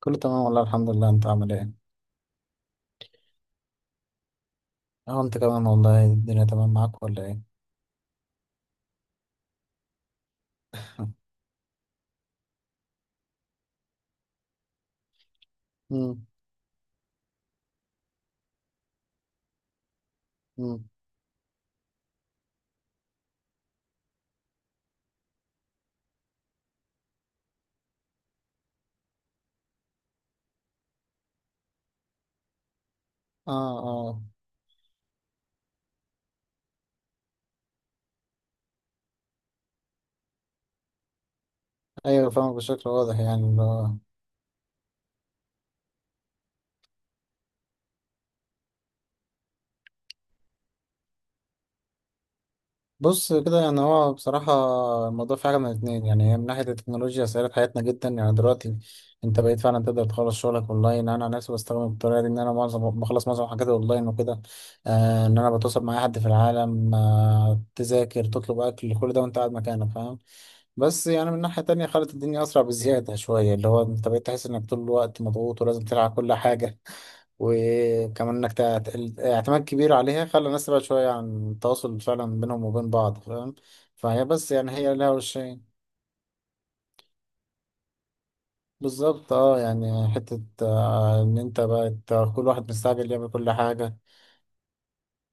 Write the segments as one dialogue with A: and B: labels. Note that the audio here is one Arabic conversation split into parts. A: كله تمام والله، الحمد لله، انت عامل ايه؟ اه، انت كمان والله الدنيا تمام معاك ولا ايه؟ امم. امم. اه، اه. ايوه، فاهمك بشكل واضح، يعني اللي هو بص كده، يعني هو بصراحة الموضوع في حاجة من الاتنين. يعني هي من ناحية التكنولوجيا سهلت حياتنا جدا، يعني دلوقتي انت بقيت فعلا تقدر تخلص شغلك اونلاين. انا عن نفسي بستخدم الطريقة دي، ان انا بخلص معظم حاجاتي اونلاين وكده. ان انا بتواصل مع اي حد في العالم، تذاكر، تطلب اكل، كل ده وانت قاعد مكانك، فاهم. بس يعني من ناحية تانية خلت الدنيا أسرع بزيادة شوية، اللي هو أنت بقيت تحس إنك طول الوقت مضغوط ولازم تلعب كل حاجة. وكمان إنك الاعتماد كبير عليها خلى الناس تبعد شوية عن التواصل فعلا بينهم وبين بعض، فاهم. فهي، بس يعني، هي لها وشين. بالظبط. اه، يعني حتة، إن أنت بقت كل واحد مستعجل يعمل كل حاجة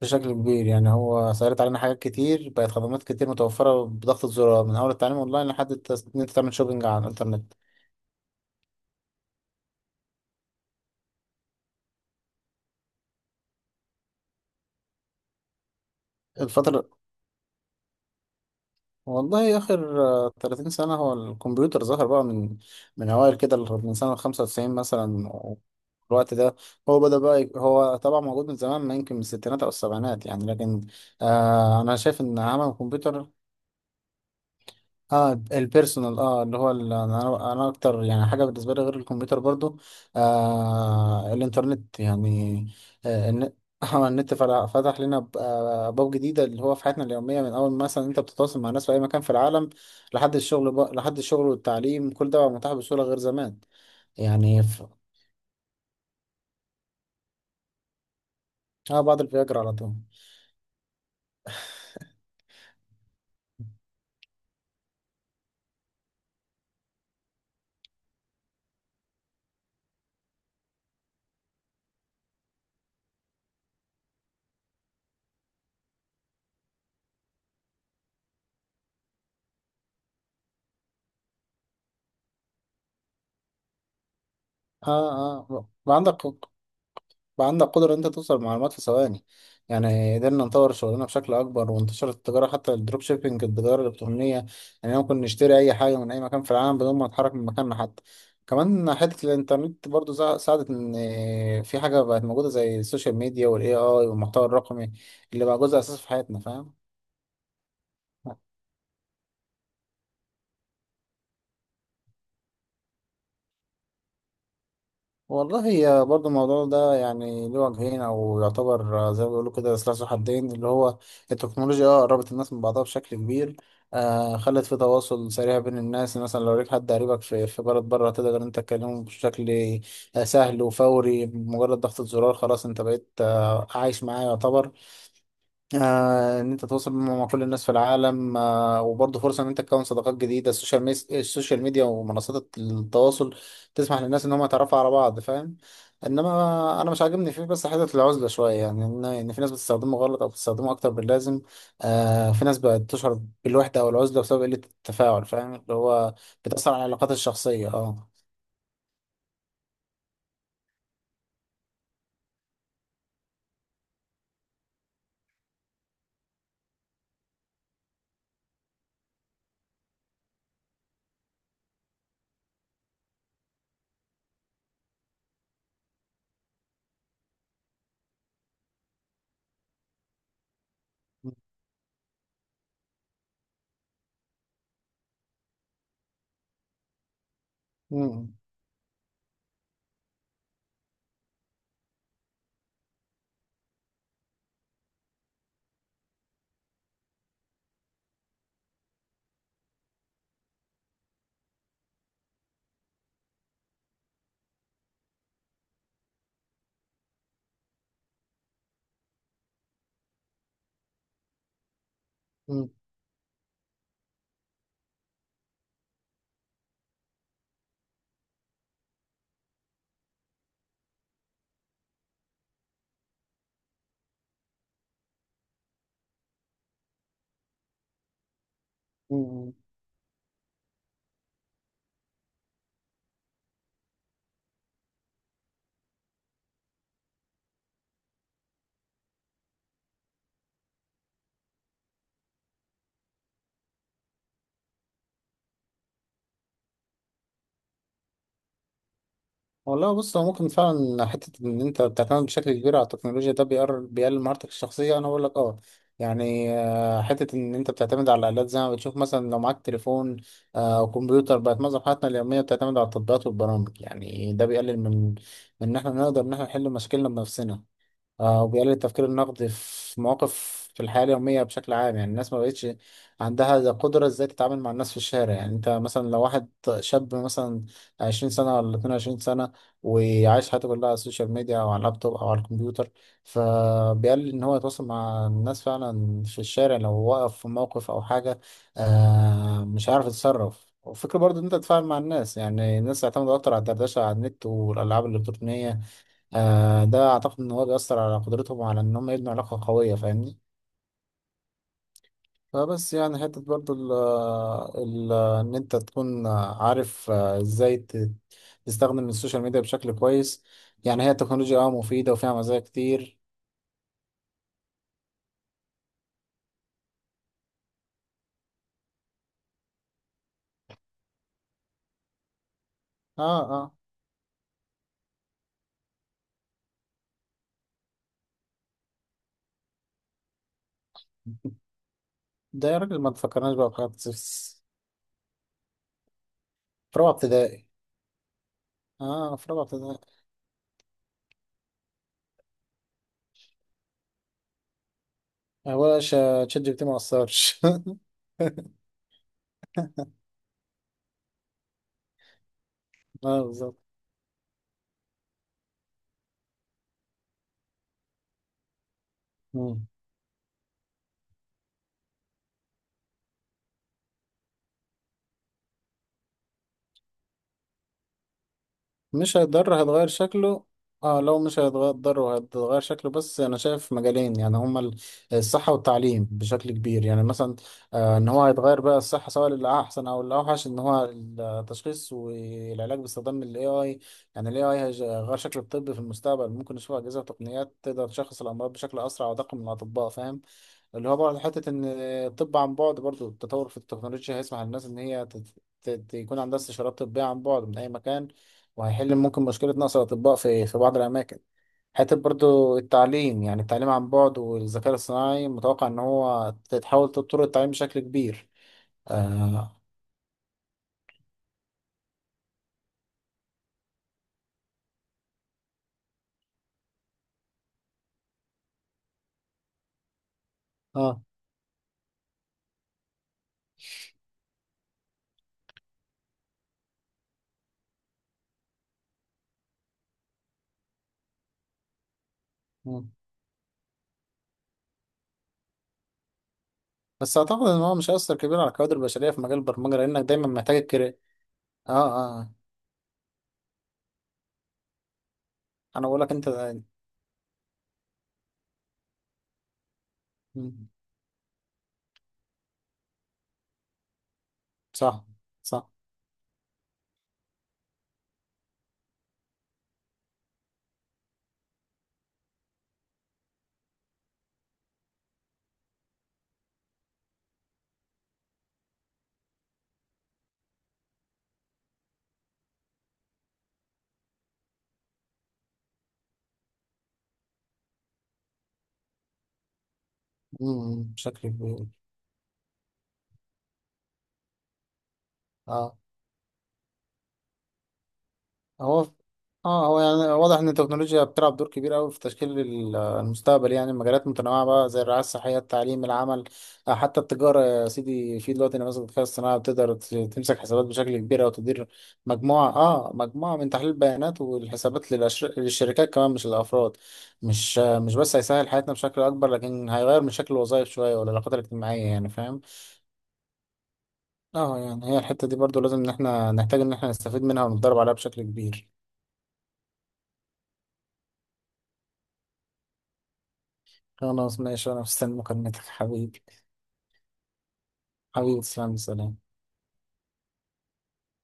A: بشكل كبير. يعني هو سهلت علينا حاجات كتير، بقت خدمات كتير متوفرة بضغطة زرار، من أول التعليم أونلاين لحد إن أنت تعمل شوبينج على الإنترنت. الفترة، والله آخر 30 سنة. هو الكمبيوتر ظهر بقى من من أوائل كده، من سنة 95 مثلا، الوقت ده. هو بدأ بقى هو طبعا موجود من زمان، ما يمكن من الستينات أو السبعينات يعني، لكن أنا شايف إن عمل الكمبيوتر. اه، البيرسونال، اه، اللي هو انا اكتر، يعني حاجه بالنسبه لي غير الكمبيوتر، برضو الانترنت يعني. آه الن- النت فتح لنا ابواب جديده اللي هو في حياتنا اليوميه، من اول مثلا انت بتتواصل مع ناس في اي مكان في العالم. لحد الشغل بقى، لحد الشغل والتعليم، كل ده بقى متاح بسهوله غير زمان. يعني اه، بعد الفياجرا على طول. اه، اه، وعندك بقى عندك قدرة إن أنت توصل لمعلومات في ثواني. يعني قدرنا نطور شغلنا بشكل أكبر، وانتشرت التجارة، حتى الدروب شيبينج، التجارة الإلكترونية. يعني ممكن نشتري أي حاجة من أي مكان في العالم بدون ما نتحرك من مكاننا حتى. كمان حتة الإنترنت برضو ساعدت إن في حاجة بقت موجودة زي السوشيال ميديا وال AI والمحتوى الرقمي، اللي بقى جزء أساسي في حياتنا، فاهم. والله هي برضه الموضوع ده، يعني له وجهين، او يعتبر زي ما بيقولوا كده، سلاح ذو حدين. اللي هو التكنولوجيا، اه، قربت الناس من بعضها بشكل كبير. خلت في تواصل سريع بين الناس، مثلا لو ليك حد قريبك في بلد بره تقدر انت تكلمه بشكل سهل وفوري بمجرد ضغطة زرار. خلاص، انت بقيت عايش معاه، يعتبر. ان انت تتواصل مع كل الناس في العالم، وبرضه فرصه ان انت تكون صداقات جديده. السوشيال ميديا ومنصات التواصل تسمح للناس ان هم يتعرفوا على بعض، فاهم. انما انا مش عاجبني فيه بس حته العزله شويه، يعني إن في ناس بتستخدمه غلط او بتستخدمه اكتر من اللازم. في ناس بقت تشعر بالوحده او العزله بسبب قله التفاعل، فاهم، اللي هو بتاثر على العلاقات الشخصيه، مم. مم. مم. والله، بص، هو ممكن فعلا حتة إن أنت بتعتمد بشكل كبير على التكنولوجيا ده بيقلل مهارتك الشخصية. أنا بقول لك يعني حتة إن أنت بتعتمد على الآلات، زي ما بتشوف مثلا لو معاك تليفون أو كمبيوتر، بقت معظم حياتنا اليومية بتعتمد على التطبيقات والبرامج. يعني ده بيقلل من إن إحنا نقدر إن إحنا نحل مشاكلنا بنفسنا. وبيقلل التفكير النقدي في مواقف في الحياة اليومية بشكل عام. يعني الناس ما بقتش عندها القدرة ازاي تتعامل مع الناس في الشارع. يعني انت مثلا لو واحد شاب مثلا 20 سنة ولا 22 سنة وعايش حياته كلها على السوشيال ميديا او على اللابتوب او على الكمبيوتر، فبيقلل ان هو يتواصل مع الناس فعلا في الشارع. لو وقف في موقف او حاجة مش عارف يتصرف. وفكرة برضو ان انت تتفاعل مع الناس، يعني الناس اعتمدوا اكتر على الدردشة على النت والالعاب الالكترونية. ده أعتقد إن هو بيأثر على قدرتهم على إن هم يبنوا علاقة قوية، فاهمني. فبس يعني حتة برضو ال إن أنت تكون عارف إزاي تستخدم السوشيال ميديا بشكل كويس. يعني هي التكنولوجيا مفيدة وفيها مزايا كتير. أه، أه. ده يا راجل ما تفكرناش بقى بحاجات في رابعة ابتدائي. أه، في رابعة ابتدائي. هو يا باشا تشات جي بي تي ما أثرش. أه، بالظبط. مش هيضر، هتغير شكله. اه، لو مش هيتغير وهتغير شكله، بس انا شايف مجالين يعني هما الصحة والتعليم بشكل كبير. يعني مثلا ان هو هيتغير بقى الصحة سواء للأحسن او الأوحش، ان هو التشخيص والعلاج باستخدام ال AI. يعني ال AI هيغير شكل الطب في المستقبل. ممكن نشوف أجهزة وتقنيات تقدر تشخص الأمراض بشكل أسرع ودقيق من الأطباء، فاهم. اللي هو برضه حتة إن الطب عن بعد، برضه التطور في التكنولوجيا هيسمح للناس إن هي يكون عندها استشارات طبية عن بعد من أي مكان، وهيحل ممكن مشكلة نقص الأطباء في بعض الأماكن. حتى برضو التعليم، يعني التعليم عن بعد والذكاء الصناعي، متوقع إن هو تتحول طرق التعليم بشكل كبير. آه، آه. مم. بس أعتقد إن هو مش هيأثر كبير على الكوادر البشرية في مجال البرمجة، لأنك دايما محتاج الكرا آه آه، آه. أنا بقول لك أنت. مم. صح، صح. مم. بشكل كبير. آه. هو اه هو يعني واضح ان التكنولوجيا بتلعب دور كبير قوي في تشكيل المستقبل. يعني مجالات متنوعه بقى زي الرعايه الصحيه، التعليم، العمل، حتى التجاره يا سيدي. في دلوقتي نماذج الذكاء الصناعي بتقدر تمسك حسابات بشكل كبير او تدير مجموعه من تحليل البيانات والحسابات للشركات كمان، مش الافراد. مش بس هيسهل حياتنا بشكل اكبر، لكن هيغير من شكل الوظائف شويه والعلاقات الاجتماعيه، يعني فاهم. اه، يعني هي الحته دي برضو لازم ان احنا نحتاج ان احنا نستفيد منها ونتدرب عليها بشكل كبير. خلاص ماشي، أنا مستني مكالمتك حبيبي. حبيبي، تسلم، سلام.